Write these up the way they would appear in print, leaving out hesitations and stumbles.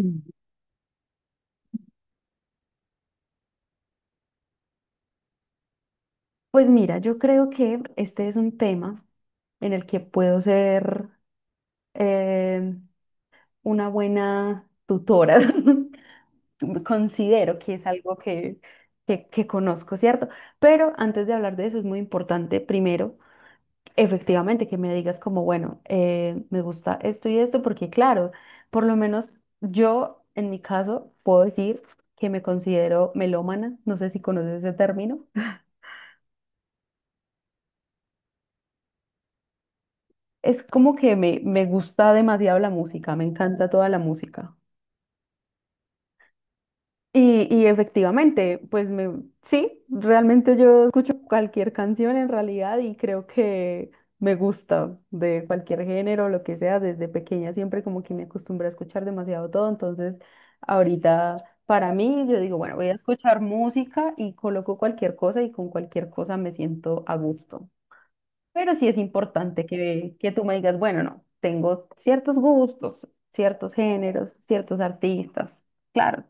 Mm. Pues mira, yo creo que este es un tema en el que puedo ser eh, una buena tutora. Considero que es algo que conozco, ¿cierto? Pero antes de hablar de eso es muy importante, primero, efectivamente, que me digas como, bueno, me gusta esto y esto, porque claro, por lo menos yo, en mi caso, puedo decir que me considero melómana, no sé si conoces ese término. Es como que me gusta demasiado la música, me encanta toda la música. Y efectivamente, pues realmente yo escucho cualquier canción en realidad y creo que me gusta de cualquier género, lo que sea, desde pequeña siempre como que me acostumbré a escuchar demasiado todo, entonces ahorita para mí yo digo, bueno, voy a escuchar música y coloco cualquier cosa y con cualquier cosa me siento a gusto. Pero sí es importante que tú me digas, bueno, no, tengo ciertos gustos, ciertos géneros, ciertos artistas. Claro.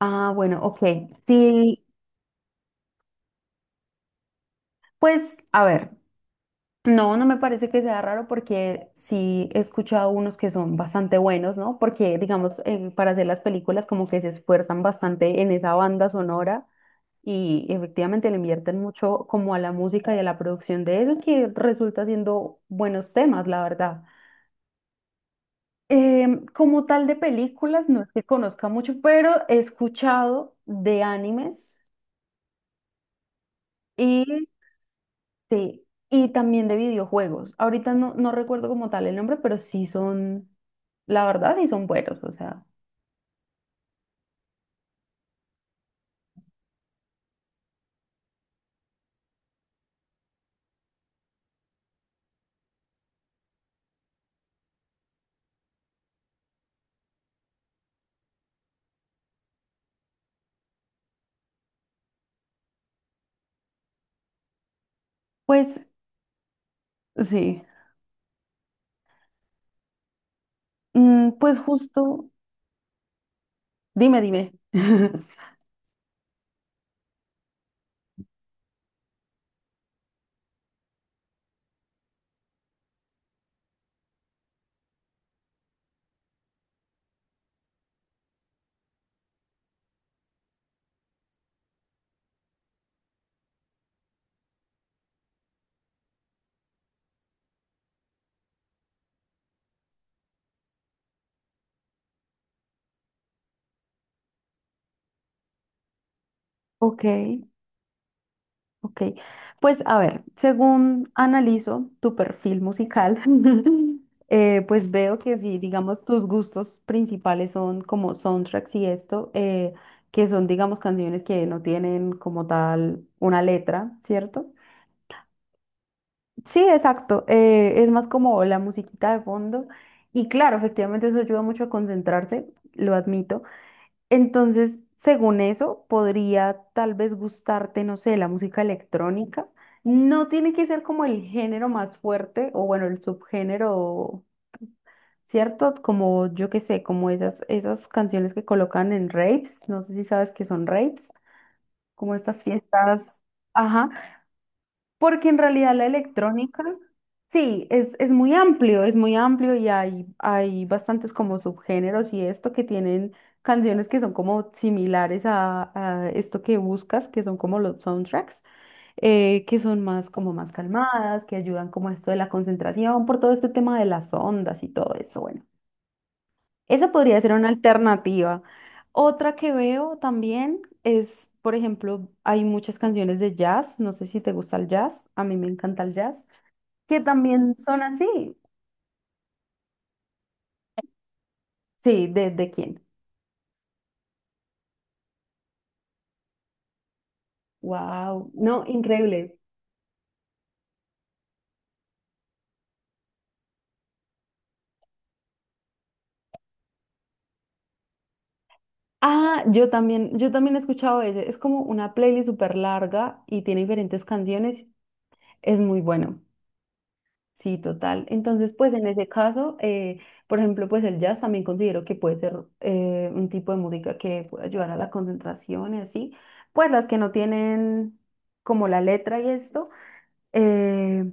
Ah, bueno, ok. Sí, pues a ver, no me parece que sea raro porque sí he escuchado unos que son bastante buenos, ¿no? Porque, digamos, para hacer las películas como que se esfuerzan bastante en esa banda sonora y efectivamente le invierten mucho como a la música y a la producción de eso que resulta siendo buenos temas, la verdad. Como tal de películas, no es que conozca mucho, pero he escuchado de animes y, sí, y también de videojuegos. Ahorita no recuerdo como tal el nombre, pero sí son, la verdad, sí son buenos. O sea, pues sí. Mm, pues justo, dime, dime. Ok. Ok, pues a ver, según analizo tu perfil musical, pues veo que si, digamos, tus gustos principales son como soundtracks y esto, que son, digamos, canciones que no tienen como tal una letra, ¿cierto? Sí, exacto, es más como la musiquita de fondo y claro, efectivamente eso ayuda mucho a concentrarse, lo admito. Entonces, según eso, podría tal vez gustarte, no sé, la música electrónica. No tiene que ser como el género más fuerte o bueno, el subgénero, ¿cierto? Como yo qué sé, como esas canciones que colocan en raves, no sé si sabes que son raves, como estas fiestas, ajá, porque en realidad la electrónica, sí, es muy amplio y hay bastantes como subgéneros y esto que tienen canciones que son como similares a esto que buscas, que son como los soundtracks, que son más como más calmadas, que ayudan como a esto de la concentración, por todo este tema de las ondas y todo esto, bueno. Esa podría ser una alternativa. Otra que veo también es, por ejemplo, hay muchas canciones de jazz, no sé si te gusta el jazz, a mí me encanta el jazz, que también son así. Sí, de quién? Wow, no, increíble. Ah, yo también he escuchado ese. Es como una playlist súper larga y tiene diferentes canciones. Es muy bueno. Sí, total. Entonces, pues en ese caso, por ejemplo, pues el jazz también considero que puede ser un tipo de música que puede ayudar a la concentración y así. Pues las que no tienen como la letra y esto. eh,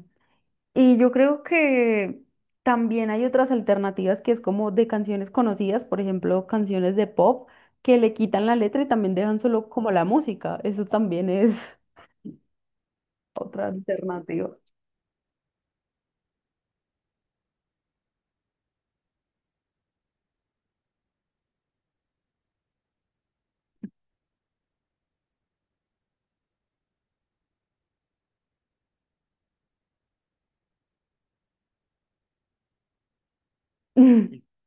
y yo creo que también hay otras alternativas que es como de canciones conocidas, por ejemplo, canciones de pop que le quitan la letra y también dejan solo como la música. Eso también es otra alternativa.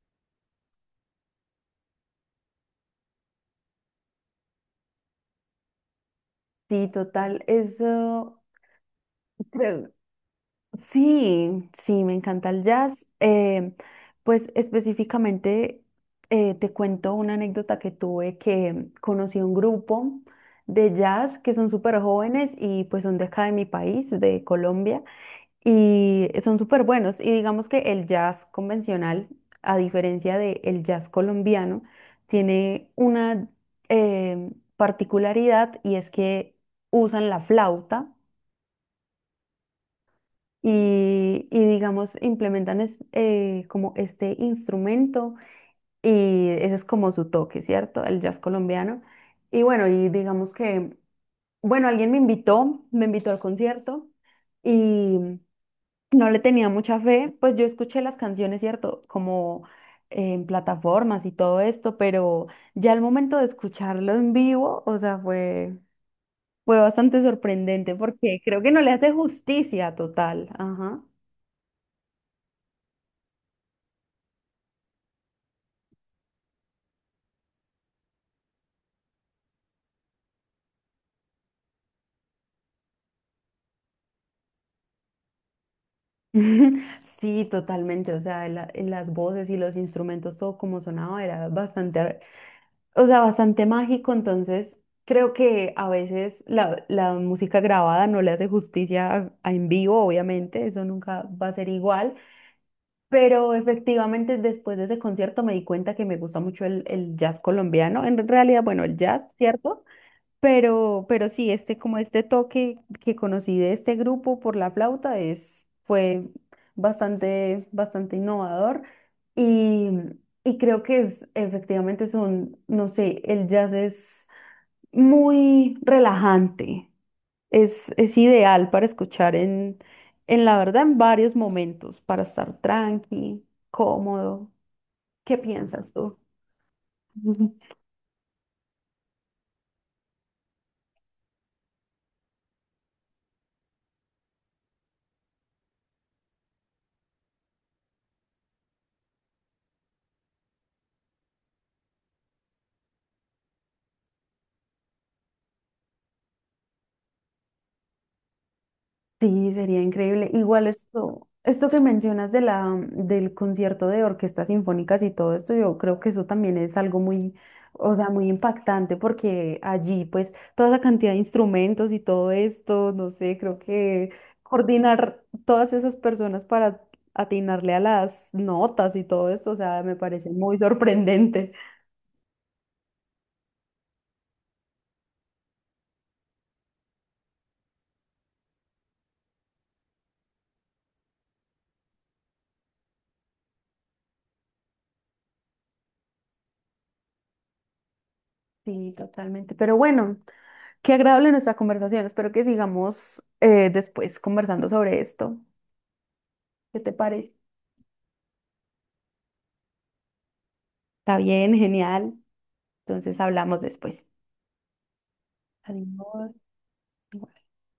Sí, total. Eso creo. Sí, sí, me encanta el jazz. Pues específicamente te cuento una anécdota que tuve que conocí un grupo de jazz que son súper jóvenes y pues son de acá de mi país, de Colombia, y son súper buenos. Y digamos que el jazz convencional, a diferencia del jazz colombiano, tiene una eh, particularidad y es que usan la flauta y, digamos, como este instrumento y ese es como su toque, ¿cierto? El jazz colombiano. Y bueno, y digamos que, bueno, me invitó al concierto y no le tenía mucha fe, pues yo escuché las canciones, ¿cierto? Como en plataformas y todo esto, pero ya al momento de escucharlo en vivo, o sea, fue bastante sorprendente porque creo que no le hace justicia total. Ajá. Sí, totalmente. O sea, las voces y los instrumentos, todo como sonaba, o sea, bastante mágico. Entonces, creo que a veces la música grabada no le hace justicia a en vivo, obviamente, eso nunca va a ser igual. Pero efectivamente, después de ese concierto me di cuenta que me gusta mucho el jazz colombiano. En realidad, bueno, el jazz, ¿cierto? Pero sí, este, como este toque que conocí de este grupo por la flauta es, fue bastante, bastante innovador y, y creo que es, efectivamente son, no sé, el jazz es muy relajante, es ideal para escuchar en la verdad, en varios momentos, para estar tranqui, cómodo. ¿Qué piensas tú? Sí, sería increíble. Igual esto, esto que mencionas de la, mm, del concierto de orquestas sinfónicas y todo esto, yo creo que eso también es algo muy, o sea, muy impactante porque allí pues toda esa cantidad de instrumentos y todo esto, no sé, creo que coordinar todas esas personas para atinarle a las notas y todo esto, o sea, me parece muy sorprendente. Sí, totalmente. Pero bueno, qué agradable nuestra conversación. Espero que sigamos después conversando sobre esto. ¿Qué te parece? Está bien, genial. Entonces hablamos después. Adiós.